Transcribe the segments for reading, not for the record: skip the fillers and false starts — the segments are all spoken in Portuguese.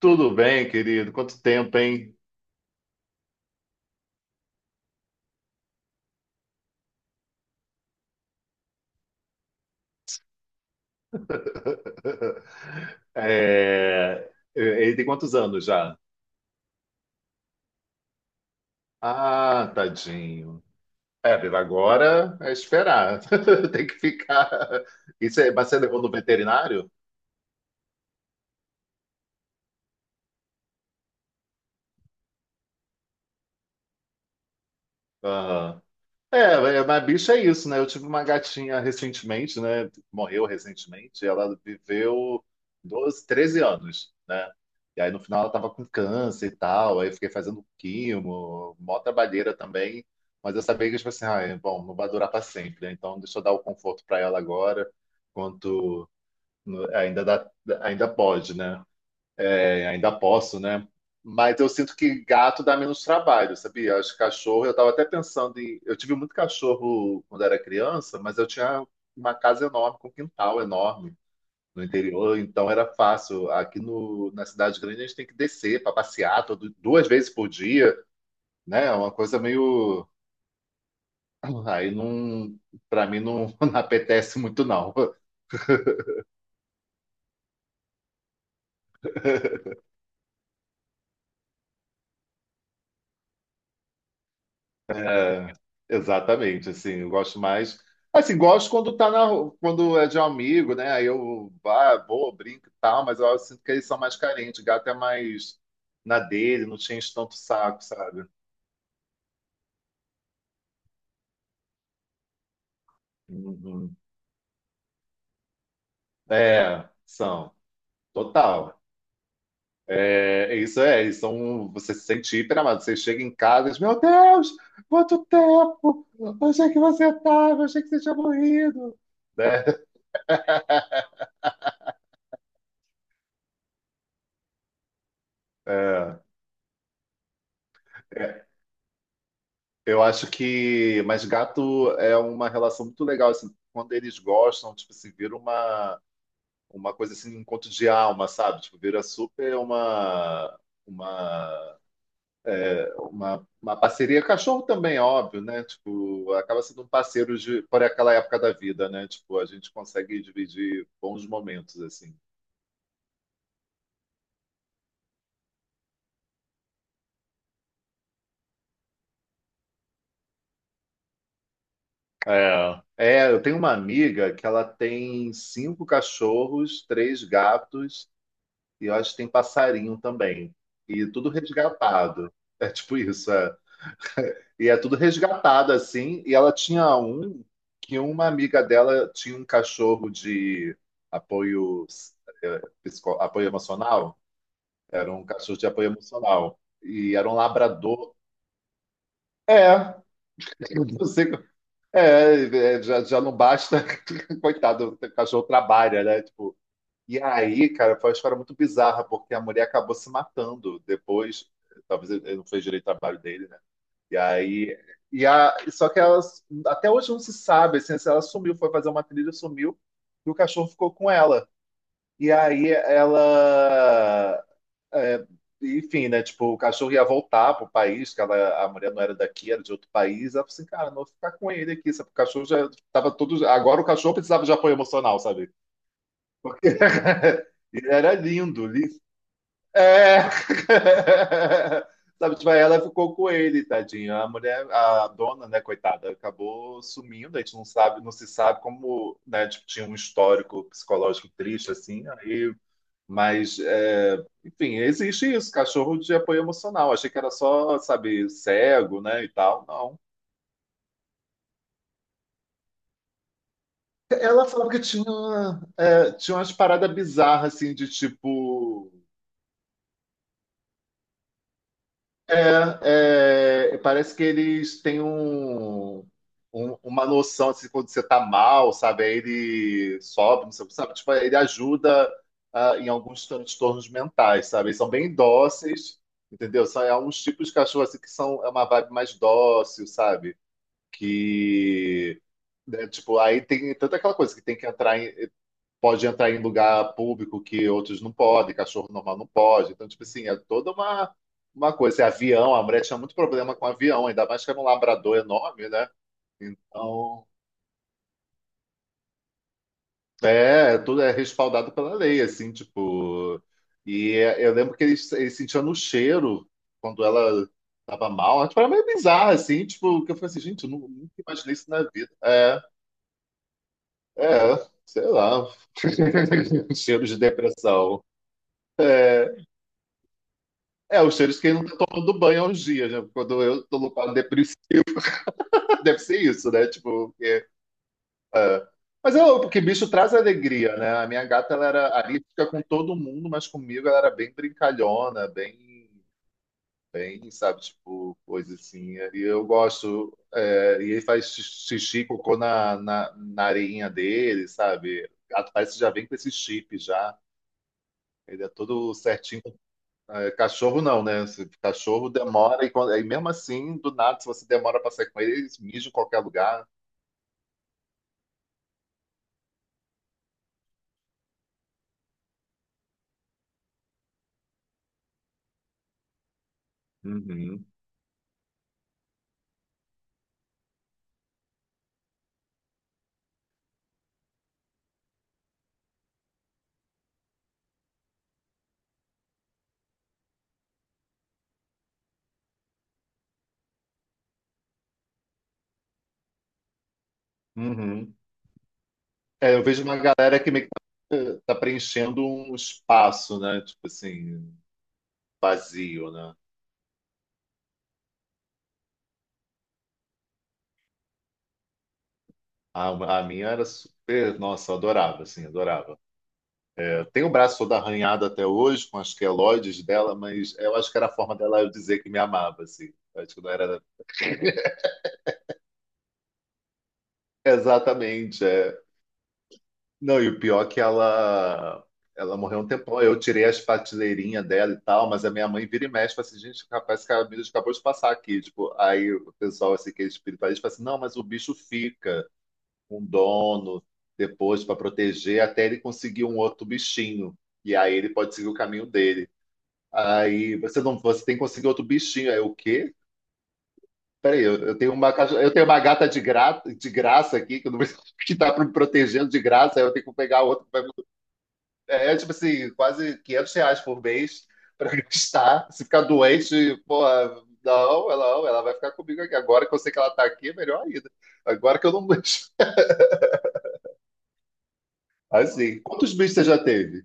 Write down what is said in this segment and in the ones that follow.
Tudo bem, querido? Quanto tempo, hein? Ele tem quantos anos já? Ah, tadinho. Viva, agora é esperar. Tem que ficar. Isso é, mas você levou no veterinário? Aham. Mas bicho é isso, né? Eu tive uma gatinha recentemente, né? Morreu recentemente, e ela viveu 12, 13 anos, né? E aí no final ela tava com câncer e tal, aí eu fiquei fazendo quimo, mó trabalheira também, mas eu sabia que, tipo assim, ah, é, bom, não vai durar para sempre, né? Então deixa eu dar o conforto para ela agora, quanto ainda dá, ainda pode, né? É, ainda posso, né? Mas eu sinto que gato dá menos trabalho, sabia? Acho que cachorro, eu estava até pensando em. Eu tive muito cachorro quando era criança, mas eu tinha uma casa enorme, com um quintal enorme no interior, então era fácil. Aqui no, Na cidade grande a gente tem que descer para passear todo, 2 vezes por dia, né? É uma coisa meio. Aí não. Para mim não, não apetece muito, não. É, exatamente, assim, eu gosto mais. Assim, gosto quando quando é de um amigo, né? Aí eu vou, brinco e tal, mas eu sinto que eles são mais carentes, gato é mais na dele, não tinha enche tanto o saco, sabe? Uhum. É, são, total. É isso, eles são, você se sente hiper amado. Você chega em casa e diz, meu Deus, quanto tempo! Eu achei que você tinha morrido. Né? É. Eu acho que, mas gato é uma relação muito legal, assim, quando eles gostam, tipo assim, uma coisa assim, um encontro de alma, sabe? Tipo, vira super uma, uma parceria. Cachorro também, óbvio, né? Tipo, acaba sendo um parceiro de, por aquela época da vida, né? Tipo, a gente consegue dividir bons momentos, assim. É. É, eu tenho uma amiga que ela tem 5 cachorros, 3 gatos, e eu acho que tem passarinho também. E tudo resgatado. É tipo isso, é. E é tudo resgatado, assim. E ela tinha um que uma amiga dela tinha um cachorro de apoio, apoio emocional. Era um cachorro de apoio emocional. E era um labrador. É, não sei, já não basta, coitado, o cachorro trabalha, né? Tipo, e aí, cara, foi uma história muito bizarra, porque a mulher acabou se matando depois. Talvez ele não fez direito ao trabalho dele, né? E aí. Só que ela, até hoje não se sabe, assim, se ela sumiu, foi fazer uma trilha, sumiu, e o cachorro ficou com ela. E aí ela. É, enfim, né? Tipo, o cachorro ia voltar pro país, a mulher não era daqui, era de outro país. Ela falou assim, cara, não vou ficar com ele aqui, sabe? O cachorro já tava todo. Agora o cachorro precisava de apoio emocional, sabe? Porque ele era lindo. É. Sabe, tipo, aí ela ficou com ele, tadinha. A mulher, a dona, né, coitada, acabou sumindo. A gente não sabe, não se sabe como, né, tipo, tinha um histórico psicológico triste, assim. É, enfim, existe isso, cachorro de apoio emocional. Achei que era só, sabe, cego, né, e tal. Não. Ela falava que tinha, é, tinha umas paradas bizarras, assim, de tipo. Parece que eles têm um, uma noção assim, quando você tá mal, sabe? Aí ele sobe, não sei o que, sabe? Tipo, ele ajuda em alguns transtornos mentais, sabe? Eles são bem dóceis, entendeu? São uns tipos de cachorro assim que são uma vibe mais dócil, sabe? Que Né, tipo, aí tem toda aquela coisa que tem que entrar em pode entrar em lugar público que outros não podem, cachorro normal não pode. Então, tipo assim, é toda uma coisa. E avião, a mulher tinha muito problema com avião, ainda mais que era um labrador enorme, né? Então, é tudo é respaldado pela lei, assim, tipo. Eu lembro que eles sentiam no cheiro quando ela tava mal. Tipo, era meio bizarro, assim, tipo, que eu falei assim, gente, eu nunca imaginei isso na vida. É, Sei lá. Cheiro de depressão. É, é, os cheiros que não tá tomando banho há uns dias, né? Quando eu tô no quadro depressivo, deve ser isso, né? Tipo, porque, é, mas é porque bicho traz alegria, né? A minha gata, ela era arisca com todo mundo, mas comigo ela era bem brincalhona, bem, sabe? Tipo, coisa assim. E eu gosto, é, e ele faz xixi, cocô na areinha dele, sabe? O gato parece que já vem com esse chip já. Ele é todo certinho, ah, é, cachorro não, né? Cachorro demora e, e mesmo assim, do nada, se você demora pra sair com ele, eles mijam em qualquer lugar. Uhum. Uhum. É, eu vejo uma galera que meio que tá preenchendo um espaço, né? Tipo assim, vazio, né? A, a minha era super, nossa, eu adorava, assim, adorava. É, eu tenho o braço todo arranhado até hoje com as queloides dela, mas eu acho que era a forma dela eu dizer que me amava, assim. Eu acho que não era exatamente. É. Não, e o pior é que ela morreu um tempão. Eu tirei as prateleirinhas dela e tal, mas a minha mãe vira e mexe, fala assim, gente, rapaz, esse cara acabou de passar aqui. Tipo, aí o pessoal, assim, que é espiritualista, fala assim, não, mas o bicho fica com dono depois para proteger até ele conseguir um outro bichinho. E aí ele pode seguir o caminho dele. Aí você não, você tem que conseguir outro bichinho. Aí eu, o quê? Peraí, eu tenho uma caixa, eu tenho uma gata de graça aqui que, eu não, que tá me protegendo de graça, aí eu tenho que pegar outro é, tipo assim, quase R$500 por mês pra gastar. Se ficar doente, porra, não, não, ela vai ficar comigo aqui. Agora que eu sei que ela tá aqui, é melhor ainda. Agora que eu não. Assim, quantos bichos você já teve?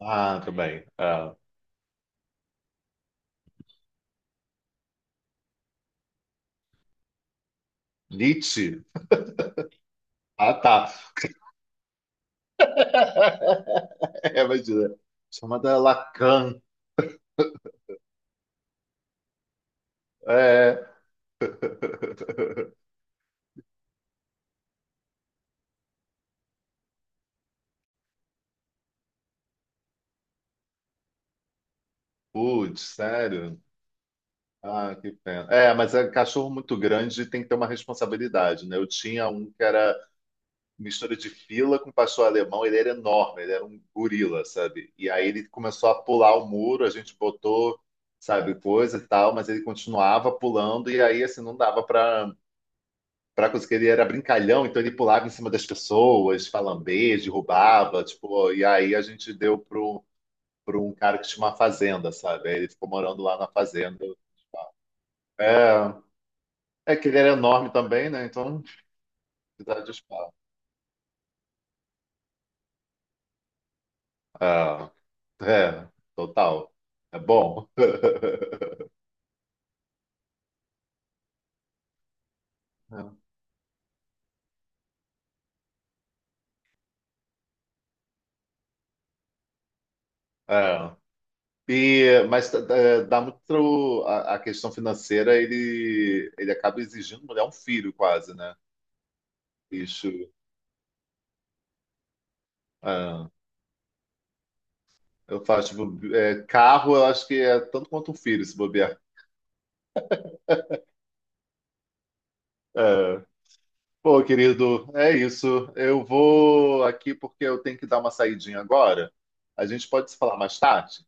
Ah, também. Ah, Nietzsche? Ah, tá. É, imagina. Chamada Lacan. É. Putz, sério? Ah, que pena. É, mas é cachorro muito grande tem que ter uma responsabilidade, né? Eu tinha um que era mistura de fila com pastor alemão, ele era enorme, ele era um gorila, sabe? E aí ele começou a pular o muro, a gente botou, sabe, coisa e tal, mas ele continuava pulando e aí assim não dava para conseguir, ele era brincalhão, então ele pulava em cima das pessoas, falambês, derrubava, tipo, e aí a gente deu pro para um cara que tinha uma fazenda, sabe? Aí ele ficou morando lá na fazenda. É, é que ele era enorme também, né? Então, cidade de spa. É, é, Total. É bom. É. É. E, mas eh, dá muito a questão financeira, ele acaba exigindo, mulher um filho quase, né? Isso. É. Eu faço, tipo, eh, carro, eu acho que é tanto quanto um filho, se bobear. É. Pô, querido, é isso. Eu vou aqui porque eu tenho que dar uma saidinha agora. A gente pode se falar mais tarde?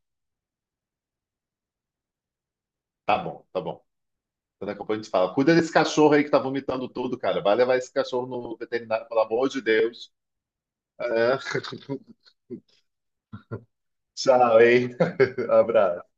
Tá bom, tá bom. Então, daqui a pouco a gente fala. Cuida desse cachorro aí que tá vomitando tudo, cara. Vai levar esse cachorro no veterinário, pelo amor de Deus. É. Tchau, hein? Abraço.